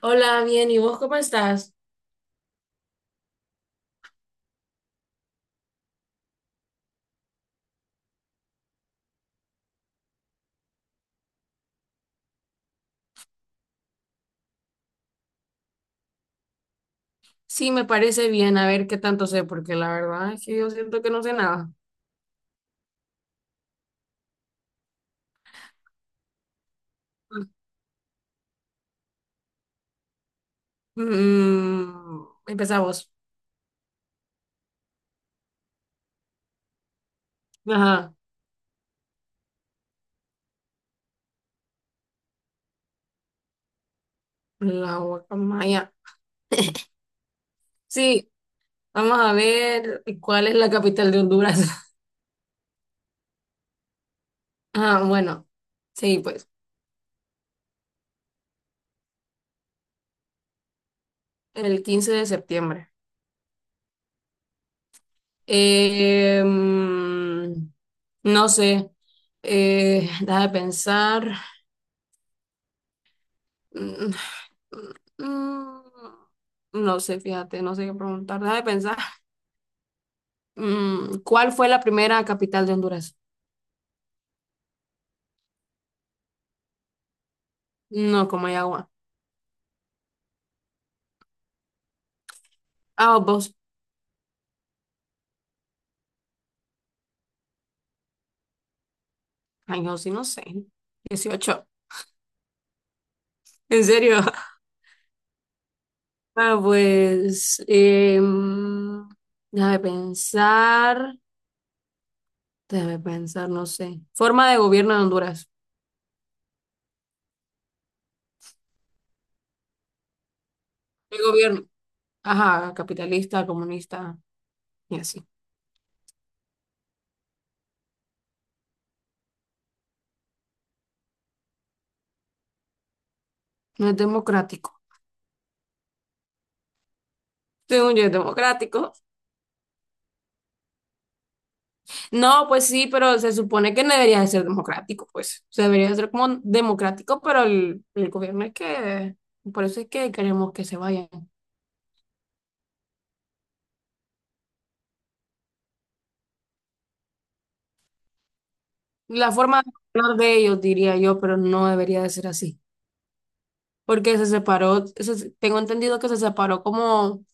Hola, bien, ¿y vos cómo estás? Sí, me parece bien, a ver qué tanto sé, porque la verdad es que yo siento que no sé nada. Empezamos. Ajá, la guacamaya. Sí, vamos a ver cuál es la capital de Honduras. Ah, bueno, sí, pues, el 15 de septiembre. Eh, mm, no sé, déjame pensar. Mm, Mm, No sé, fíjate, no sé qué preguntar. Deja de pensar. ¿Cuál fue la primera capital de Honduras? No, Comayagua. Ah, vos. Ay, yo sí, no sé. 18. ¿En serio? Ah, pues. Deja de pensar. Déjame pensar, no sé. Forma de gobierno de Honduras. El gobierno. Ajá, capitalista, comunista y así. No es democrático. Según yo, es democrático. No, pues sí, pero se supone que no debería de ser democrático, pues. O sea, debería de ser como democrático, pero el gobierno es que, por eso es que queremos que se vayan. La forma de hablar de ellos, diría yo, pero no debería de ser así. Porque se separó, tengo entendido que se separó como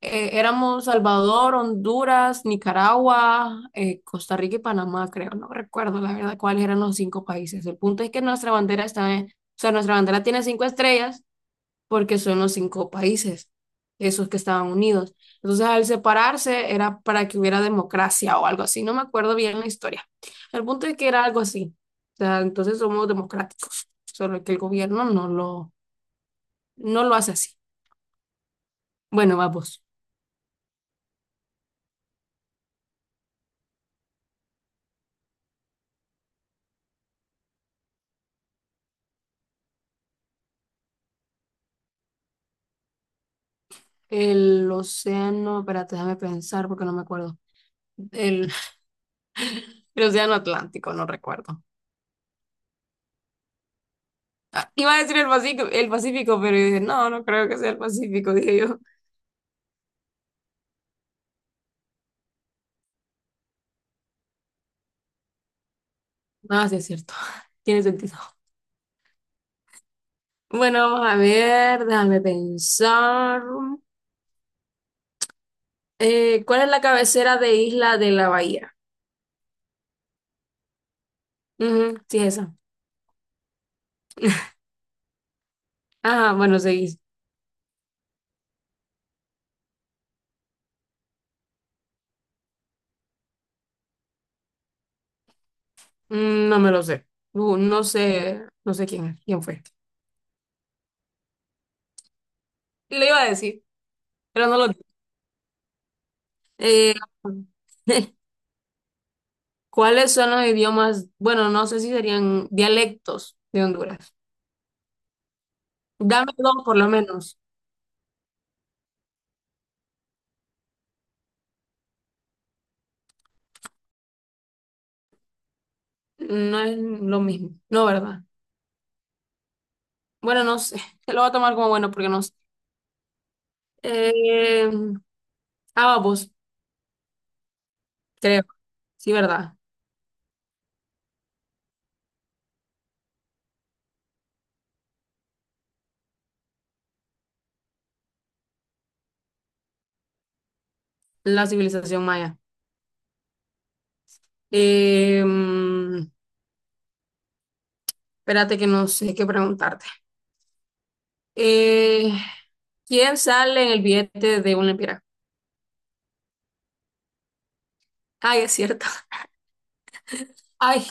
éramos Salvador, Honduras, Nicaragua, Costa Rica y Panamá, creo. No recuerdo la verdad cuáles eran los cinco países. El punto es que nuestra bandera está en, o sea, nuestra bandera tiene cinco estrellas. Porque son los cinco países, esos que estaban unidos. Entonces, al separarse era para que hubiera democracia o algo así, no me acuerdo bien la historia. El punto es que era algo así. O sea, entonces somos democráticos, solo que el gobierno no lo hace así. Bueno, vamos. El océano, espérate, déjame pensar porque no me acuerdo. El, el océano Atlántico, no recuerdo. Ah, iba a decir el Pacífico, pero dije, no, no creo que sea el Pacífico, dije yo. Ah, sí, es cierto. Tiene sentido. Bueno, vamos a ver, déjame pensar. ¿Cuál es la cabecera de Isla de la Bahía? Ujú, sí, esa. Ajá, bueno, seguís. No me lo sé. No, no sé quién, es, quién fue. Lo iba a decir, pero no lo dije. Eh, ¿Cuáles son los idiomas? Bueno, no sé si serían dialectos de Honduras. Dame dos, por lo menos. No es lo mismo. No, ¿verdad? Bueno, no sé. Lo voy a tomar como bueno porque no sé. Eh, ah, creo. Sí, ¿verdad? La civilización maya. Eh, mm, Espérate que no sé qué preguntarte. Eh, ¿Quién sale en el billete de una lempira? Ay, es cierto. Ay,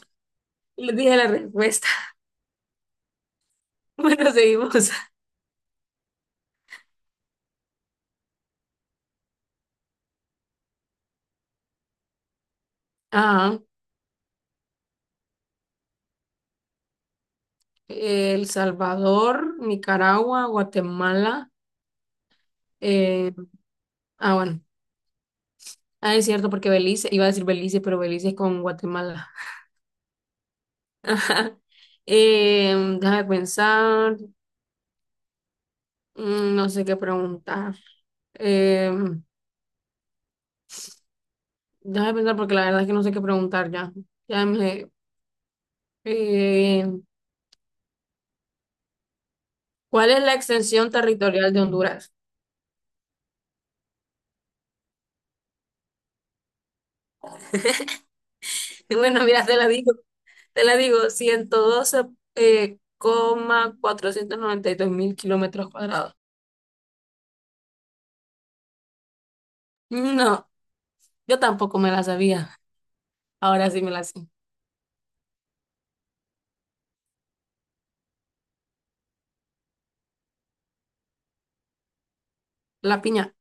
le dije la respuesta. Bueno, seguimos. Ajá. El Salvador, Nicaragua, Guatemala. eh, ah, bueno. Ah, es cierto, porque Belice, iba a decir Belice, pero Belice es con Guatemala. Ajá. Eh, Déjame pensar. No sé qué preguntar. Em, Déjame pensar porque la verdad es que no sé qué preguntar ya. Ya me, eh, ¿Cuál es la extensión territorial de Honduras? Bueno, mira, te la digo, 112, coma 492.000 kilómetros cuadrados. No, yo tampoco me la sabía. Ahora sí me la sé. La piña,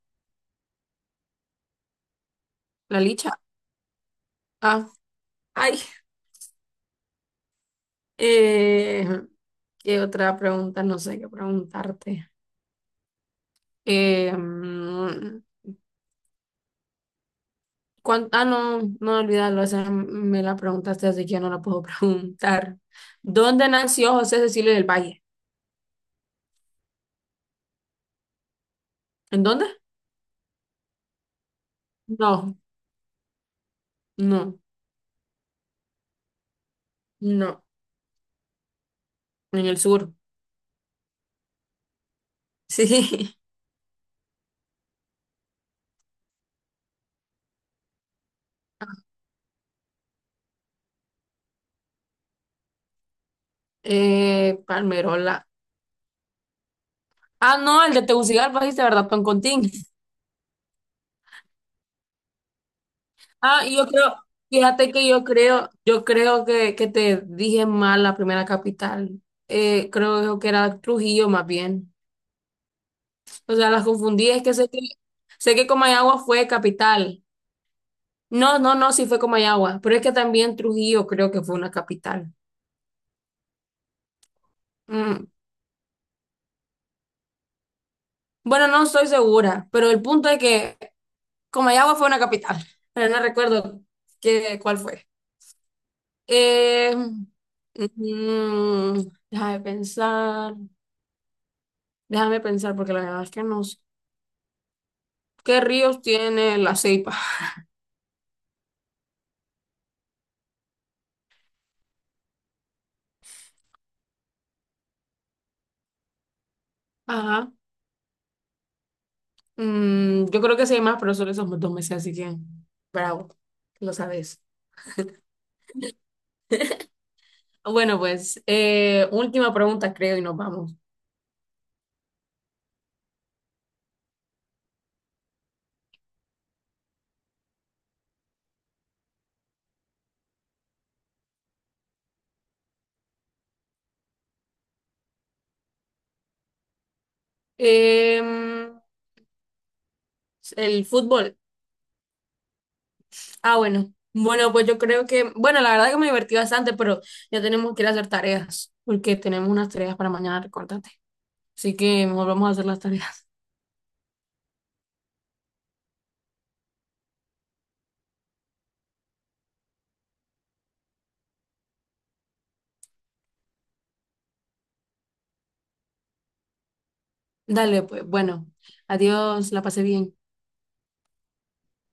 la licha. Ah, ay, eh, ¿qué otra pregunta? No sé qué preguntarte. Eh, mm, Ah, no, no olvidarlo, esa me la preguntaste, así que ya no la puedo preguntar. ¿Dónde nació José Cecilio del Valle? ¿En dónde? No, no, no, en el sur. Sí, Palmerola. Ah, no, el de Tegucigalpa, dijiste, ¿verdad? Toncontín. Ah, y yo creo, fíjate que yo creo que te dije mal la primera capital. Creo que era Trujillo más bien. O sea, las confundí, es que sé que, sé que Comayagua fue capital. No, no, no, sí fue Comayagua, pero es que también Trujillo creo que fue una capital. Mm. Bueno, no estoy segura, pero el punto es que Comayagua fue una capital, pero no recuerdo cuál fue. Eh, mm, déjame pensar, déjame pensar, porque la verdad es que no sé. ¿Qué ríos tiene la Ceipa? Ajá. Yo creo que sí hay más, pero solo esos 2 meses, así que bravo, lo sabes. Bueno, pues última pregunta, creo, y nos vamos. Em, el fútbol. Ah, bueno. Bueno, pues yo creo que, bueno, la verdad que me divertí bastante, pero ya tenemos que ir a hacer tareas, porque tenemos unas tareas para mañana recortante. Así que mejor vamos a hacer las tareas. Dale, pues, bueno. Adiós, la pasé bien.